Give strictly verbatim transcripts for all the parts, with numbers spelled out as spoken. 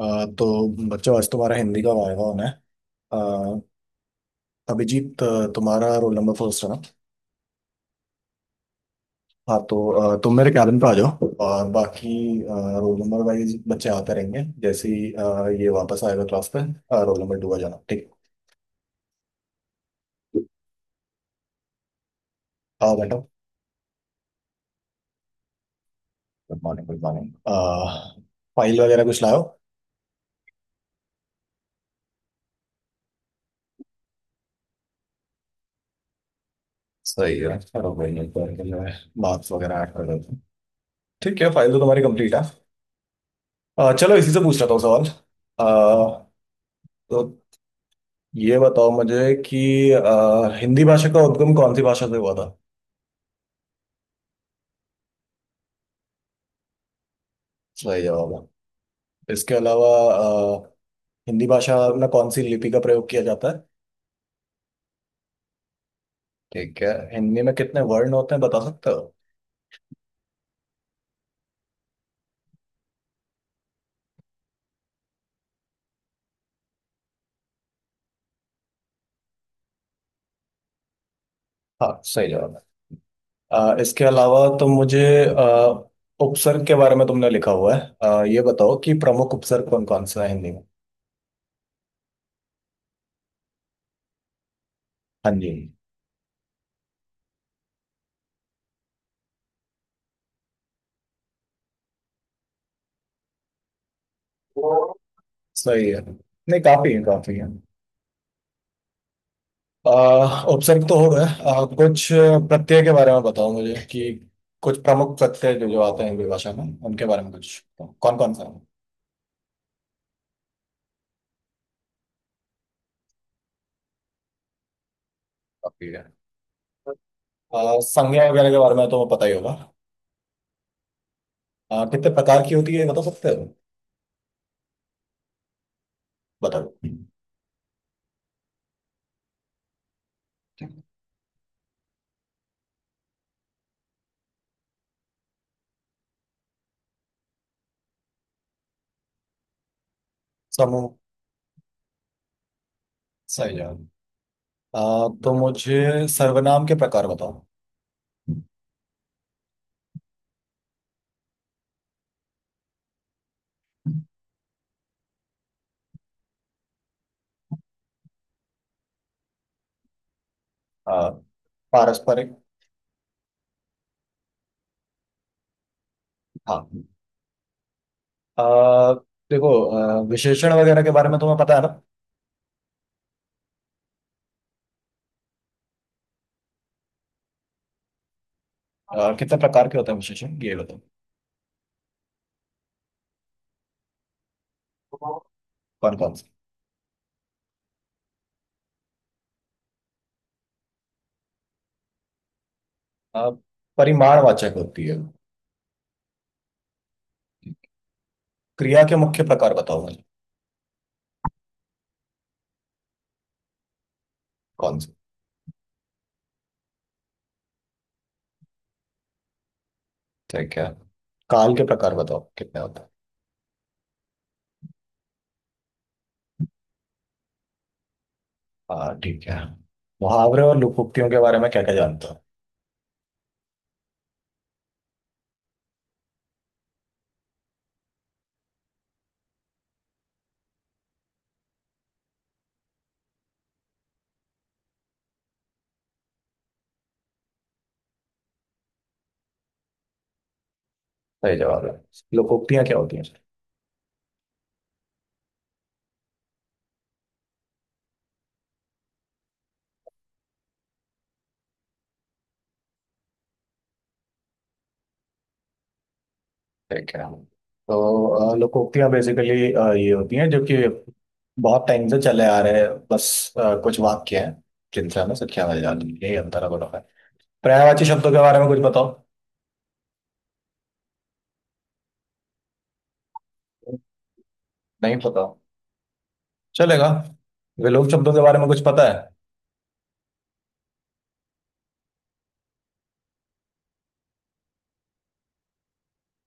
अ, तो बच्चों आज तुम्हारा हिंदी का वायवा होना है। अ, अभिजीत अ, तुम्हारा रोल नंबर फर्स्ट है ना। हाँ तो अ, तुम मेरे कैबिन पे आ जाओ, और बाकी रोल नंबर वाइज बच्चे आते रहेंगे। जैसे ही अ, ये वापस आएगा क्लास पे, रोल नंबर टू आ जाना, ठीक। आओ बैठो। Good morning, good morning. File वगैरह कुछ लाओ। सही है, चलो भाई, एक बार के लिए मार्क्स वगैरह ऐड कर देते हैं। ठीक है, फाइल तो तुम्हारी कंप्लीट है। अ, चलो इसी से पूछ लेता हूँ सवाल। अ, तो ये बताओ मुझे कि अ, हिंदी भाषा का उद्गम कौन सी भाषा से हुआ था। सही जवाब है। इसके अलावा अ, हिंदी भाषा में कौन सी लिपि का प्रयोग किया जाता है। ठीक है। हिंदी में कितने वर्ण होते हैं बता सकते हो। हाँ, सही जवाब है। अ, इसके अलावा तो मुझे अ, उपसर्ग के बारे में तुमने लिखा हुआ है। अ, ये बताओ कि प्रमुख उपसर्ग कौन कौन सा है हिंदी में। हाँ जी। सही है, नहीं काफी है, काफी है। ऑप्शन तो हो गए। आ, कुछ प्रत्यय के बारे में बताओ मुझे, कि कुछ प्रमुख प्रत्यय जो जो आते हैं हिंदी भाषा में, उनके बारे में कुछ, कौन कौन सा है। काफी है। आ, संज्ञा वगैरह के बारे में तो पता ही होगा। आ, कितने प्रकार की होती है बता सकते हो। बताओ। समूह। सही जवाब। आ, तो मुझे सर्वनाम के प्रकार बताओ। आ, पारस्परिक। हाँ। आ, देखो, आ, विशेषण वगैरह के बारे में तुम्हें पता है ना। आ, कितने प्रकार के होते हैं विशेषण ये बताओ। कौन कौन। अ, परिमाणवाचक होती है। क्रिया के मुख्य प्रकार बताओ मुझे। कौन से। ठीक है। काल के प्रकार बताओ कितने होते हैं। हाँ ठीक है। मुहावरे और लोकोक्तियों के बारे में क्या क्या जानते हो। सही जवाब है। लोकोक्तियां क्या होती हैं। ठीक है, तो अ, लोकोक्तियां बेसिकली ये होती हैं जो कि बहुत टाइम से चले आ रहे हैं। बस अ, कुछ वाक्य हैं जिनसे हमें शिक्षा मिल जाती है, यही अंतर है, बोलो है। पर्यायवाची शब्दों के बारे में कुछ बताओ। नहीं पता, चलेगा। विलोम शब्दों के बारे में कुछ पता है।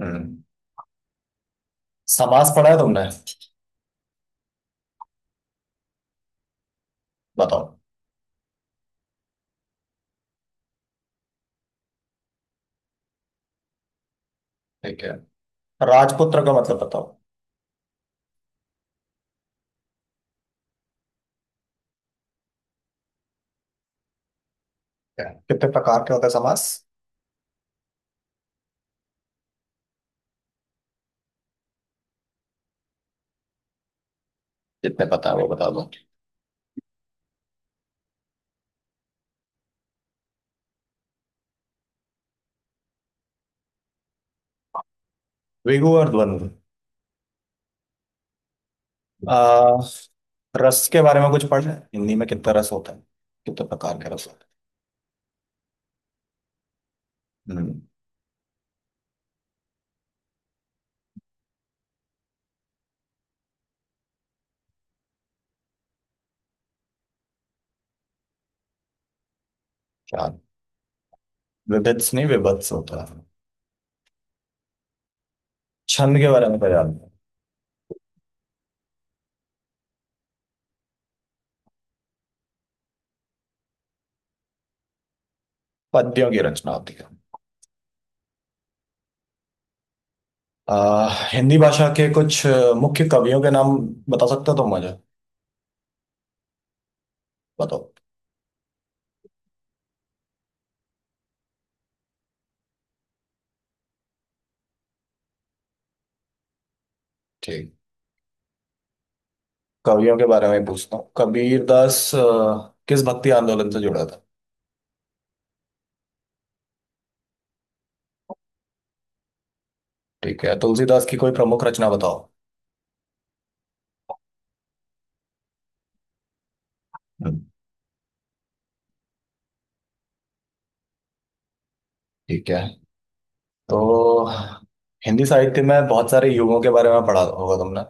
हम्म, समास पढ़ा है तुमने। बताओ। ठीक है। राजपुत्र का मतलब बताओ। क्या कितने प्रकार के होते हैं समास। जितने पता है वो बता दो। द्विगु और द्वंद्व। आ, रस के बारे में कुछ पढ़ा है, हिंदी में कितना रस होता है, कितने प्रकार के रस होते। हम्म, हैं हम्म, चार। विभित्स नहीं, विभत्स होता है। छंद के बारे में पढ़ा है। पद्यों की रचना होती है। आ, हिंदी भाषा के कुछ अ, मुख्य कवियों के नाम बता सकते हो तुम मुझे। बताओ। ठीक है। कवियों के बारे में ही पूछता हूँ, कबीर दास अ, किस भक्ति आंदोलन से जुड़ा था। ठीक है। तुलसीदास की कोई प्रमुख रचना बताओ। हम्म, ठीक है। तो हिंदी साहित्य में बहुत सारे युगों के बारे में पढ़ा होगा तुमने।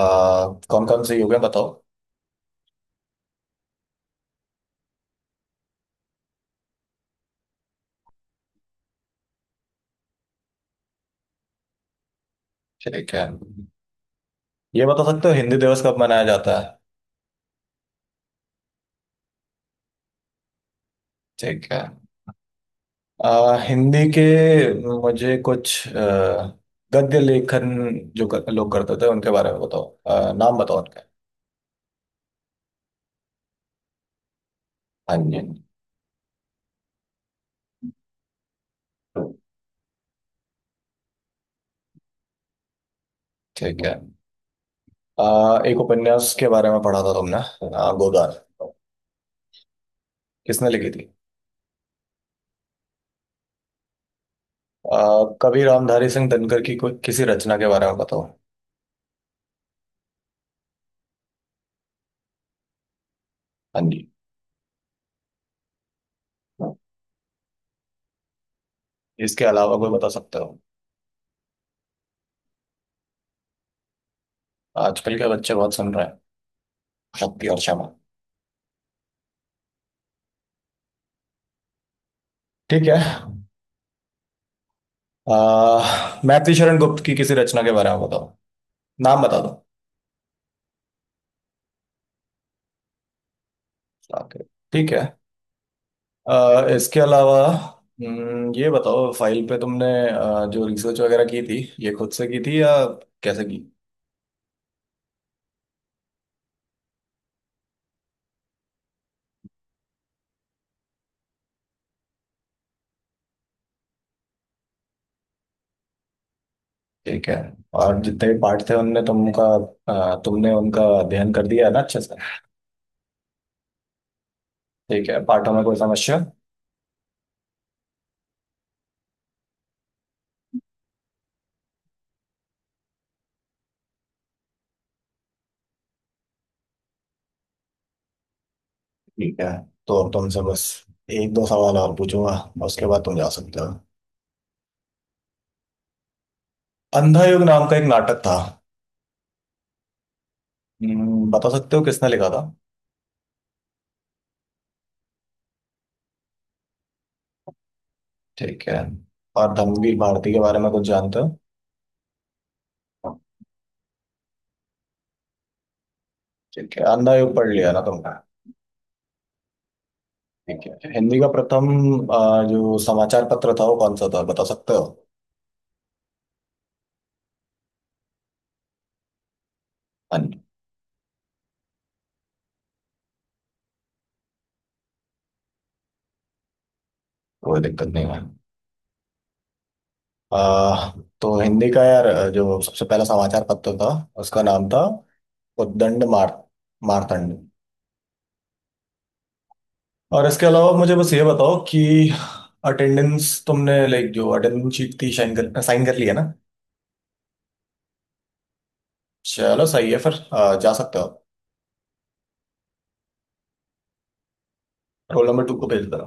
कौन कौन से युग है बताओ। ठीक है। ये बता सकते हो हिंदी दिवस कब मनाया जाता है। ठीक है। अ, हिंदी के मुझे कुछ अ, गद्य लेखन जो कर, लोग करते थे उनके बारे में बताओ, अ, नाम बताओ उनके। हाँ जी। ठीक है। आ, एक उपन्यास के बारे में पढ़ा था तुमने, आ, गोदान। किसने लिखी थी। आ, कवि रामधारी सिंह दिनकर की कोई किसी रचना के बारे में बताओ। हाँ जी। इसके अलावा कोई बता सकते हो। आजकल के बच्चे बहुत सुन रहे हैं, शक्ति और क्षमा। ठीक है। आ, मैथिली शरण गुप्त की किसी रचना के बारे में बताओ, नाम बता दो। Okay, ठीक है। आ, इसके अलावा हम्म, ये बताओ, फाइल पे तुमने आ, जो रिसर्च वगैरह की थी, ये खुद से की थी या कैसे की। ठीक है। और जितने भी पार्ट थे उनने तुमका, अ, तुमने उनका अध्ययन कर दिया है ना अच्छे से। ठीक है, पार्टों में कोई समस्या। ठीक है। तो अब तुमसे बस एक दो सवाल और पूछूंगा, और उसके बाद तुम जा सकते हो। अंधा युग नाम का एक नाटक था। हम्म, बता सकते हो किसने लिखा था। ठीक है। और धर्मवीर भारती के बारे में कुछ जानते हो। ठीक है। अंधा युग पढ़ लिया ना तुमने। ठीक है, हिंदी का प्रथम अ, जो समाचार पत्र था वो कौन सा था बता सकते हो। हाँ। कोई दिक्कत नहीं है। आ, तो हिंदी का यार जो सबसे पहला समाचार पत्र था, उसका नाम था उद्दंड मार मारतंड। और इसके अलावा मुझे बस ये बताओ कि अटेंडेंस तुमने, लाइक, जो अटेंडेंस शीट थी साइन कर साइन कर लिया ना। चलो, सही है फिर, आ, जा सकते हो। रोल नंबर टू को भेज दो।